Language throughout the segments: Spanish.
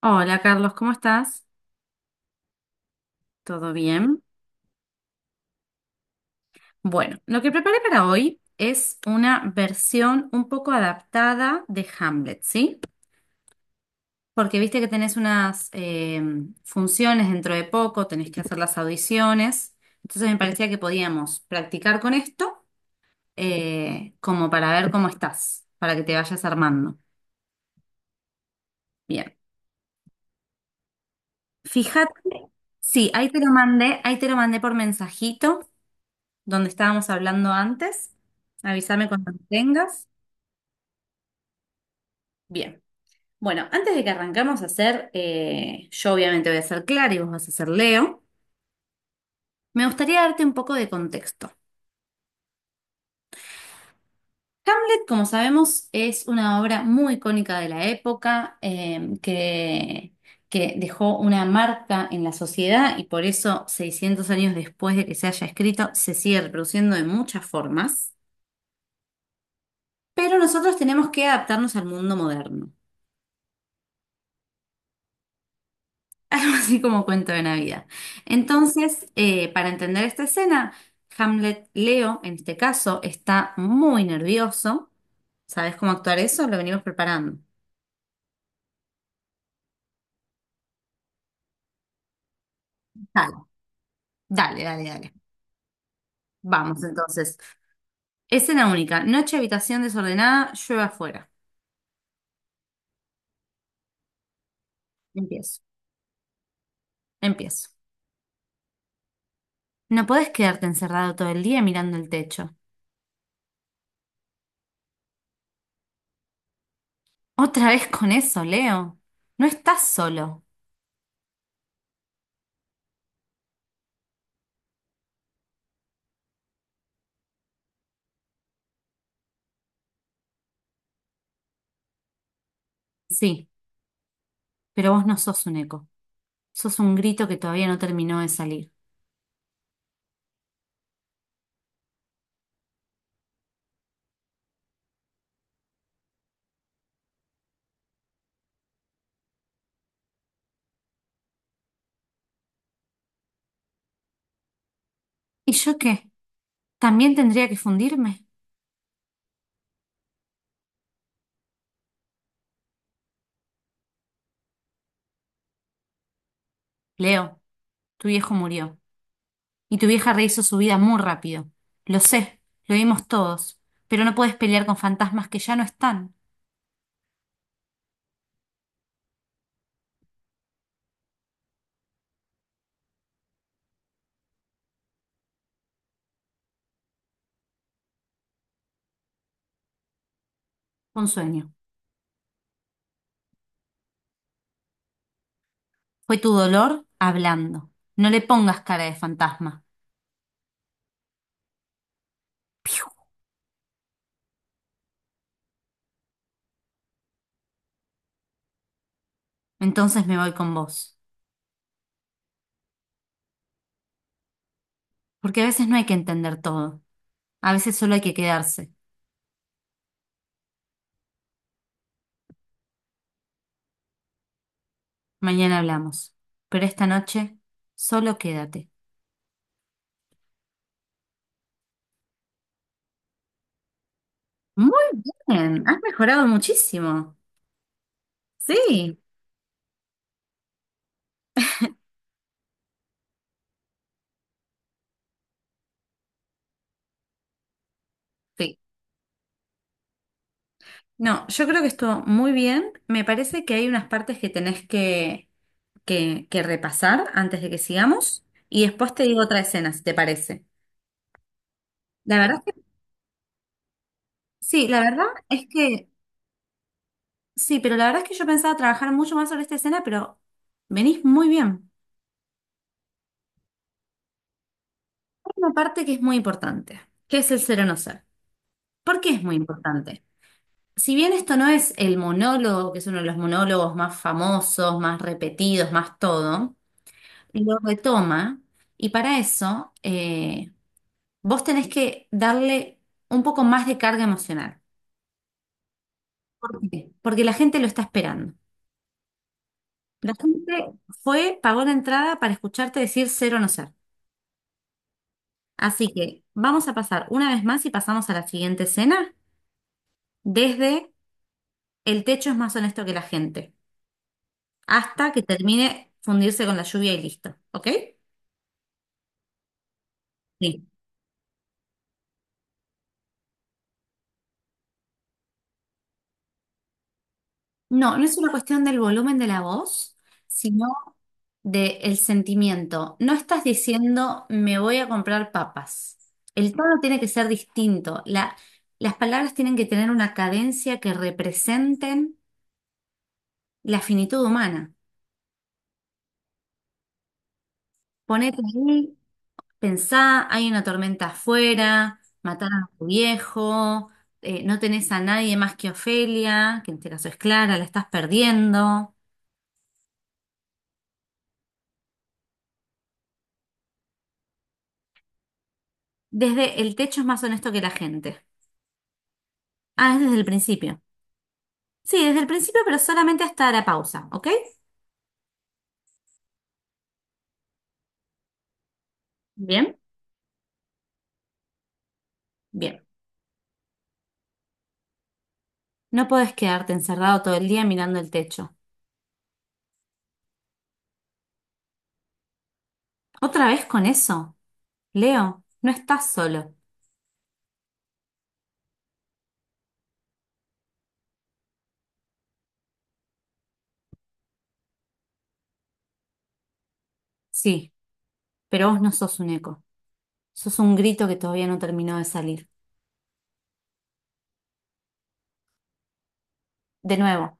Hola Carlos, ¿cómo estás? ¿Todo bien? Bueno, lo que preparé para hoy es una versión un poco adaptada de Hamlet, ¿sí? Porque viste que tenés unas funciones dentro de poco, tenés que hacer las audiciones, entonces me parecía que podíamos practicar con esto como para ver cómo estás, para que te vayas armando. Bien, fíjate, sí, ahí te lo mandé, ahí te lo mandé por mensajito, donde estábamos hablando antes. Avísame cuando lo tengas. Bien. Bueno, antes de que arrancamos a hacer, yo obviamente voy a ser Clara y vos vas a ser Leo, me gustaría darte un poco de contexto. Como sabemos, es una obra muy icónica de la época, que dejó una marca en la sociedad y por eso 600 años después de que se haya escrito, se sigue reproduciendo de muchas formas. Pero nosotros tenemos que adaptarnos al mundo moderno. Algo así como cuento de Navidad. Entonces, para entender esta escena, Hamlet Leo, en este caso, está muy nervioso. ¿Sabes cómo actuar eso? Lo venimos preparando. Dale, dale, dale, dale. Vamos entonces. Escena única. Noche, habitación desordenada, llueve afuera. Empiezo, empiezo. No podés quedarte encerrado todo el día mirando el techo. Otra vez con eso, Leo. No estás solo. Sí, pero vos no sos un eco. Sos un grito que todavía no terminó de salir. ¿Y yo qué? ¿También tendría que fundirme? Leo, tu viejo murió. Y tu vieja rehizo su vida muy rápido. Lo sé, lo vimos todos. Pero no puedes pelear con fantasmas que ya no están. Fue un sueño. Fue tu dolor hablando. No le pongas cara de fantasma. Piu. Entonces me voy con vos. Porque a veces no hay que entender todo. A veces solo hay que quedarse. Mañana hablamos. Pero esta noche, solo quédate. Muy bien, has mejorado muchísimo. Sí. Te No, yo creo que estuvo muy bien. Me parece que hay unas partes que tenés que que repasar antes de que sigamos y después te digo otra escena, si te parece. La verdad es que, sí, la verdad es que, sí, pero la verdad es que yo pensaba trabajar mucho más sobre esta escena, pero venís muy bien. Hay una parte que es muy importante, que es el ser o no ser. ¿Por qué es muy importante? Si bien esto no es el monólogo, que es uno de los monólogos más famosos, más repetidos, más todo, lo retoma y para eso vos tenés que darle un poco más de carga emocional. ¿Por qué? Porque la gente lo está esperando. La gente fue, pagó la entrada para escucharte decir ser o no ser. Así que vamos a pasar una vez más y pasamos a la siguiente escena desde el techo es más honesto que la gente, hasta que termine fundirse con la lluvia y listo, ¿ok? Sí. No, no es una cuestión del volumen de la voz, sino de el sentimiento. No estás diciendo me voy a comprar papas. El tono tiene que ser distinto. Las palabras tienen que tener una cadencia que representen la finitud humana. Ponete ahí, pensá, hay una tormenta afuera, mataron a tu viejo, no tenés a nadie más que Ofelia, que en este caso es Clara, la estás perdiendo. Desde el techo es más honesto que la gente. Ah, es desde el principio. Sí, desde el principio, pero solamente hasta la pausa, ¿ok? Bien, bien. No podés quedarte encerrado todo el día mirando el techo. ¿Otra vez con eso? Leo, no estás solo. Sí, pero vos no sos un eco. Sos un grito que todavía no terminó de salir. De nuevo,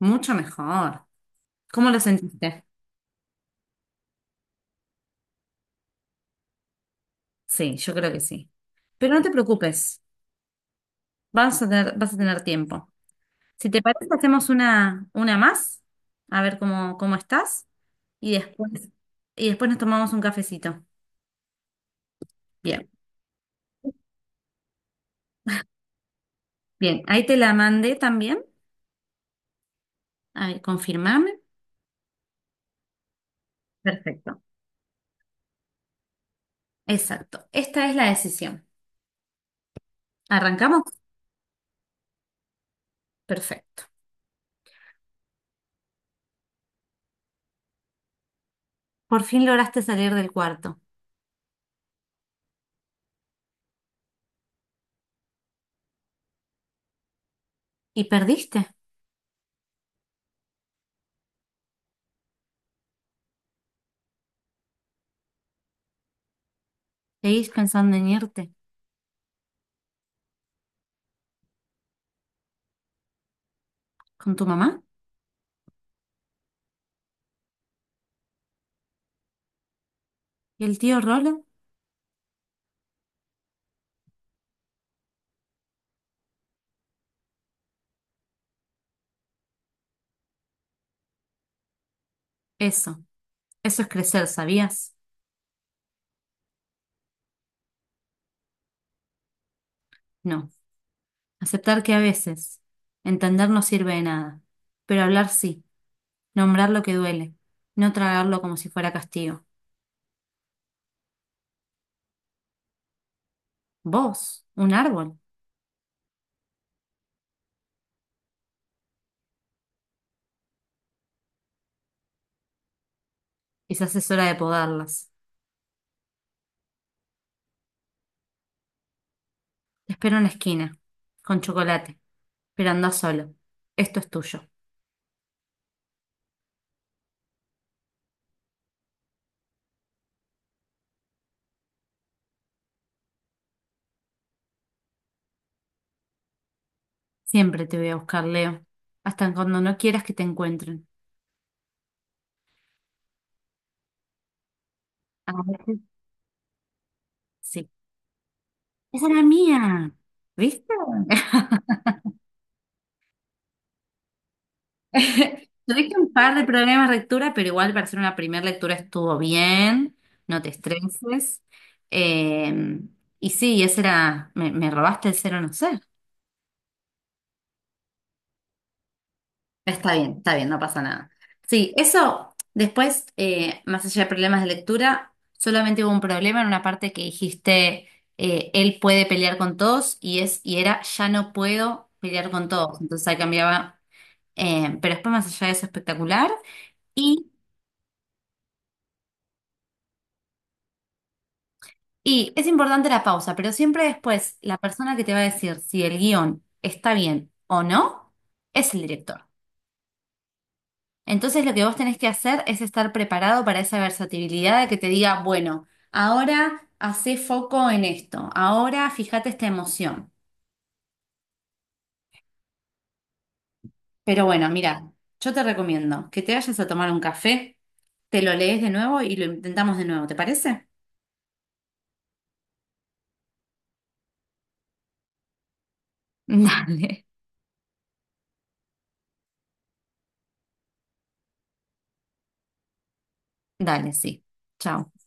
mucho mejor. ¿Cómo lo sentiste? Sí, yo creo que sí. Pero no te preocupes, vas a tener tiempo. Si te parece, hacemos una más, a ver cómo estás, y después, y después nos tomamos un cafecito. Bien, bien, ahí te la mandé también. A ver, confirmame. Perfecto. Exacto. Esta es la decisión. ¿Arrancamos? Perfecto. Por fin lograste salir del cuarto. ¿Y perdiste? ¿Seguís pensando en irte? ¿Con tu mamá? ¿Y el tío Rolo? Eso. Eso es crecer, ¿sabías? No. Aceptar que a veces entender no sirve de nada. Pero hablar sí. Nombrar lo que duele. No tragarlo como si fuera castigo. Vos, un árbol. Quizás es hora de podarlas. Te espero en la esquina. Con chocolate. Pero anda solo. Esto es tuyo. Siempre te voy a buscar, Leo. Hasta cuando no quieras que te encuentren. A veces, sí. Esa era mía. ¿Viste? Tuviste un par de problemas de lectura, pero igual para hacer una primera lectura estuvo bien. No te estreses. Eh, y sí, ese era. Me robaste el 0 no sé. Está bien, no pasa nada. Sí, eso, después, más allá de problemas de lectura, solamente hubo un problema en una parte que dijiste, él puede pelear con todos y es, y era, ya no puedo pelear con todos. Entonces ahí cambiaba, pero después más allá de eso, espectacular. Y, y es importante la pausa, pero siempre después, la persona que te va a decir si el guión está bien o no, es el director. Entonces lo que vos tenés que hacer es estar preparado para esa versatilidad de que te diga, bueno, ahora hacé foco en esto, ahora fíjate esta emoción. Pero bueno, mira, yo te recomiendo que te vayas a tomar un café, te lo lees de nuevo y lo intentamos de nuevo, ¿te parece? Dale. Dale, sí. Chao.